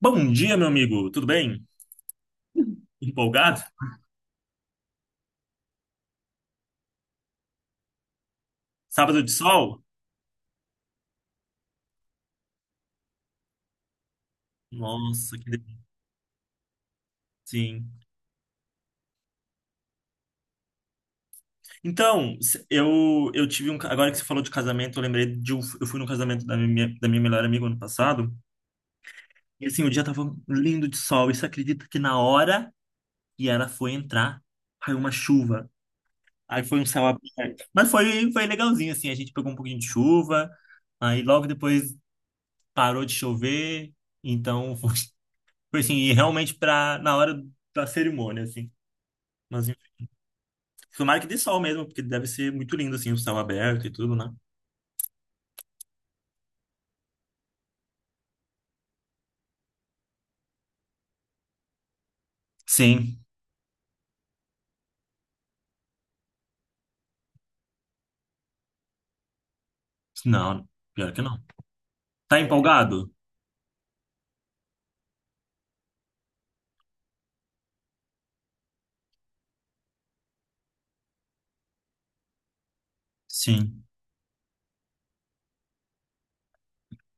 Bom dia, meu amigo. Tudo bem? Empolgado? Sábado de sol? Nossa, que delícia. Sim. Então, eu tive agora que você falou de casamento, eu lembrei de eu fui no casamento da minha melhor amiga ano passado, e assim, o dia tava lindo de sol, e você acredita que na hora que ela foi entrar, caiu uma chuva. Aí foi um céu aberto. Mas foi legalzinho assim, a gente pegou um pouquinho de chuva, aí logo depois parou de chover, então foi assim, e realmente pra, na hora da cerimônia, assim. Mas enfim, tomara que dê sol mesmo, porque deve ser muito lindo, assim, o céu aberto e tudo, né? Sim. Não, pior que não. Tá empolgado? Sim.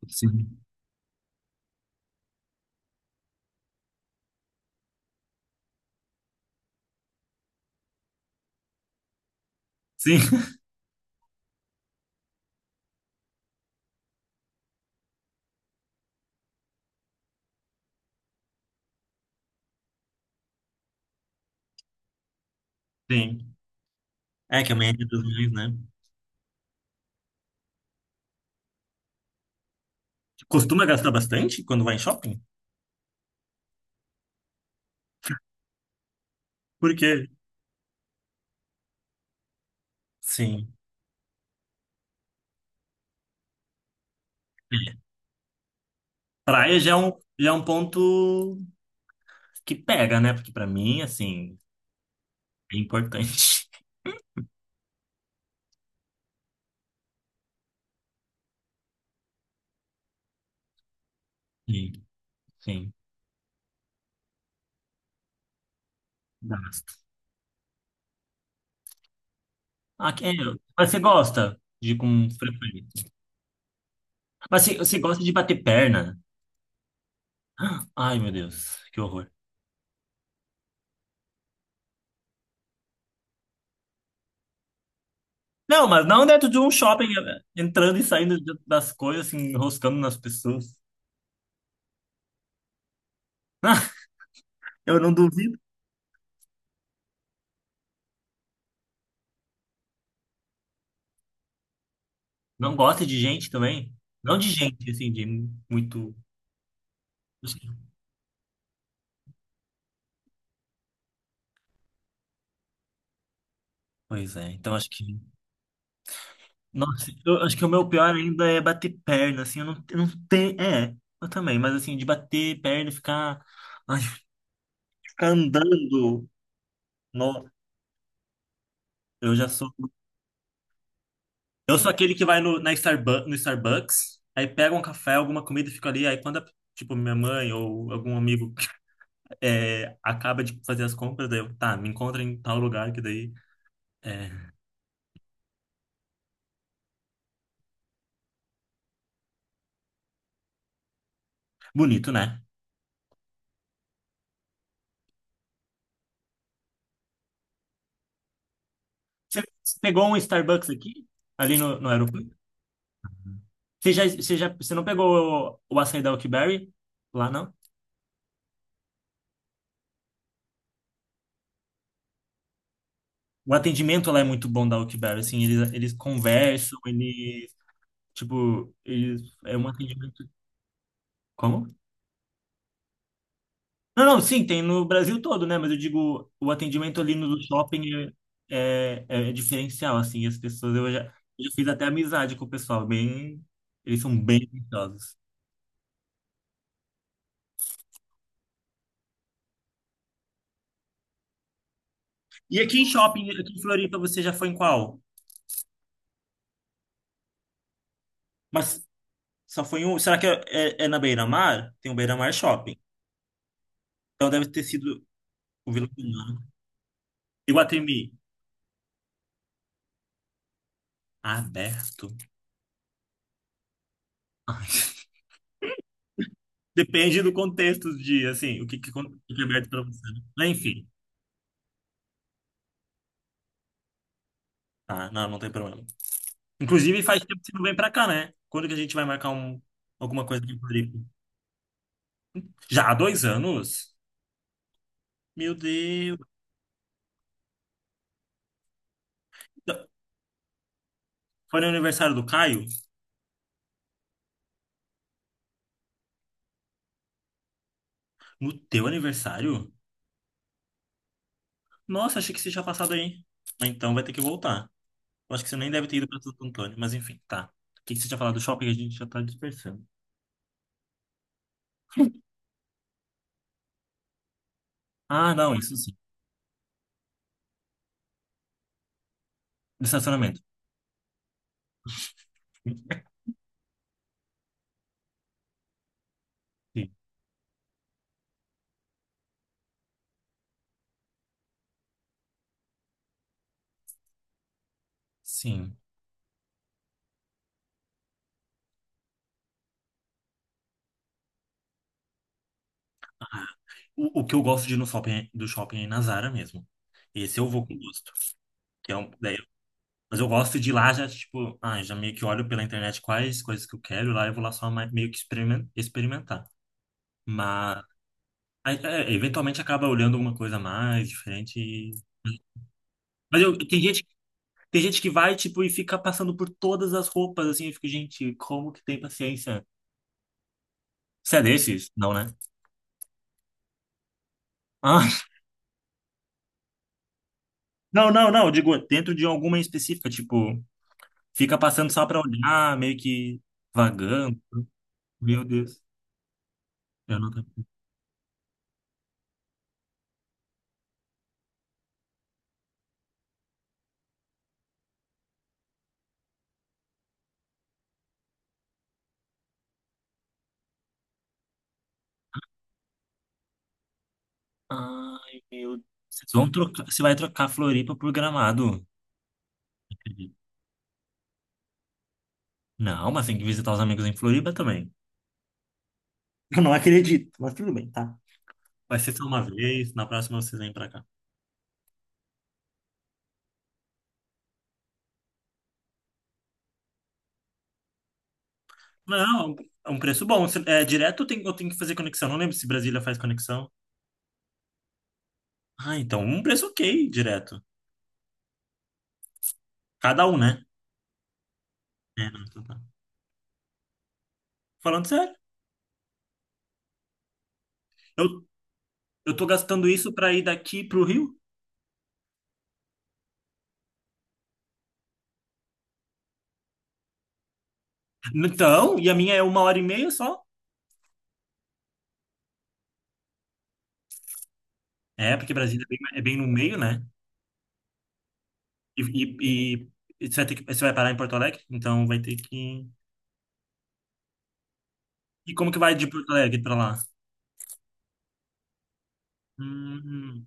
Sim. Sim. Sim. É que amanhã é Dia das Mães, né? Costuma gastar bastante quando vai em shopping? Porque, sim. É. Praia já é um ponto que pega, né? Porque pra mim, assim, é importante. Sim, sim. Gasto. Ah, é, mas você gosta de ir com frequência? Mas se você gosta de bater perna? Ai, meu Deus, que horror. Não, mas não dentro de um shopping, entrando e saindo das coisas, assim, enroscando nas pessoas. Eu não duvido. Não gosta de gente também? Não de gente, assim, de muito. Assim. Pois é, então acho que. Nossa, eu acho que o meu pior ainda é bater perna, assim, eu não tenho. É, eu também, mas assim, de bater perna e ficar. Ai, ficar andando. No, eu já sou. Eu sou aquele que vai na Starbu no Starbucks, aí pega um café, alguma comida e fica ali. Aí quando, tipo, minha mãe ou algum amigo é, acaba de fazer as compras, daí eu, tá, me encontra em tal lugar, que daí é bonito, né? Você pegou um Starbucks aqui, ali no aeroporto? Você não pegou o açaí da Oakberry lá, não? O atendimento lá é muito bom da Oakberry, assim, eles conversam, tipo, eles, é um atendimento... Como? Não, não, sim, tem no Brasil todo, né? Mas eu digo, o atendimento ali no shopping é, é, é diferencial, assim. As pessoas, eu já fiz até amizade com o pessoal, bem, eles são bem atenciosos. E aqui em shopping, aqui em Floripa, você já foi em qual? Mas só foi em um, será que é, é, é na Beira-Mar? Tem um Beira-Mar Shopping. Então deve ter sido o Vila Mariana. Iguatemi, aberto? Ai, depende do contexto de, assim, o que é aberto pra você, né? Mas, enfim, tá, não, não tem problema. Inclusive, faz tempo que você não vem pra cá, né? Quando que a gente vai marcar um, alguma coisa aqui em Floripa? Já há dois anos? Meu Deus. Foi no aniversário do Caio? No teu aniversário? Nossa, achei que você tinha passado aí. Então vai ter que voltar. Eu acho que você nem deve ter ido pra Santo Antônio, mas enfim, tá. O que que você tinha falado do shopping? A gente já tá dispersando. Ah, não, isso sim. Do estacionamento. Sim. Sim. Ah, o que eu gosto de ir no shopping, do shopping é em Nazara mesmo. Esse eu vou com gosto. Que é um, né. Mas eu gosto de ir lá já, tipo, ah, já meio que olho pela internet quais coisas que eu quero, e lá eu vou lá só meio que experimentar. Mas aí, é, eventualmente acaba olhando alguma coisa mais diferente. Mas eu, tem gente que vai, tipo, e fica passando por todas as roupas, assim, eu fico, gente, como que tem paciência? Você é desses? Não, né? Ah, não, não, não, eu digo, dentro de alguma em específica, tipo, fica passando só pra olhar, meio que vagando. Meu Deus, eu não. Ai, meu Deus. Vocês vão trocar, você vai trocar Floripa por Gramado. Não acredito. Não, mas tem que visitar os amigos em Floripa também. Eu não acredito, mas tudo bem, tá? Vai ser só uma vez, na próxima vocês vêm pra cá. Não, é um preço bom. É direto ou tem, eu tenho que fazer conexão. Não lembro se Brasília faz conexão. Ah, então um preço ok, direto. Cada um, né? É, não, então tá. Falando sério, eu, eu tô gastando isso pra ir daqui pro Rio? Então, e a minha é uma hora e meia só? É, porque Brasília é bem no meio, né? E, e, e- você vai ter que, você vai parar em Porto Alegre? Então vai ter que. E como que vai de Porto Alegre pra lá? Hum,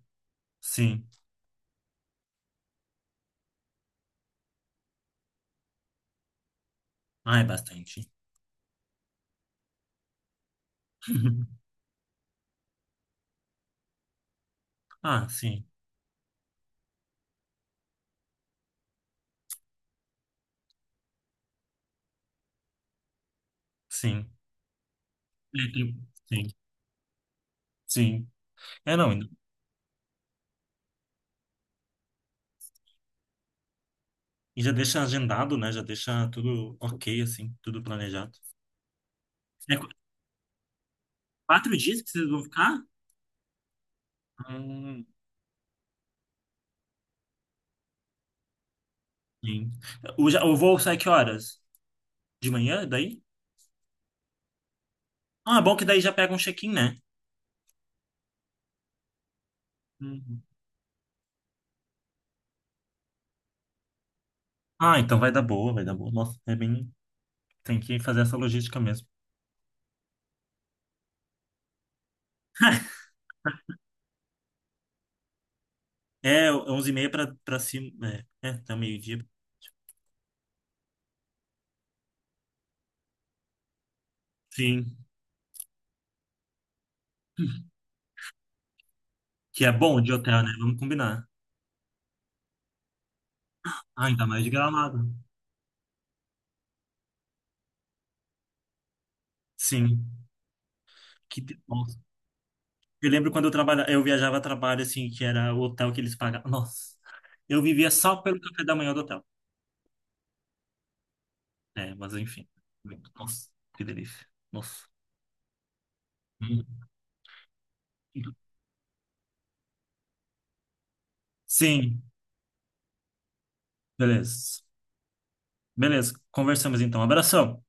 sim. Ah, é bastante. Ah, sim, sim. É, tem- Sim, sim. É, não. E já deixa agendado, né? Já deixa tudo ok, assim, tudo planejado. É 4 dias que vocês vão ficar? Hum, sim. O, o voo sai que horas? De manhã, daí? Ah, é bom que daí já pega um check-in, né? Uhum. Ah, então vai dar boa, vai dar boa. Nossa, é bem. Tem que fazer essa logística mesmo. É 11 e meia para cima, é, é, até meio-dia. Sim. Que é bom de hotel, né? Vamos combinar. Ah, ainda mais de Gramado. Sim. Que nossa. Eu lembro quando eu trabalhava, eu viajava a trabalho, assim, que era o hotel que eles pagavam. Nossa, eu vivia só pelo café da manhã do hotel. É, mas enfim. Nossa, que delícia. Nossa. Hum. Sim, beleza. Beleza, conversamos então. Abração.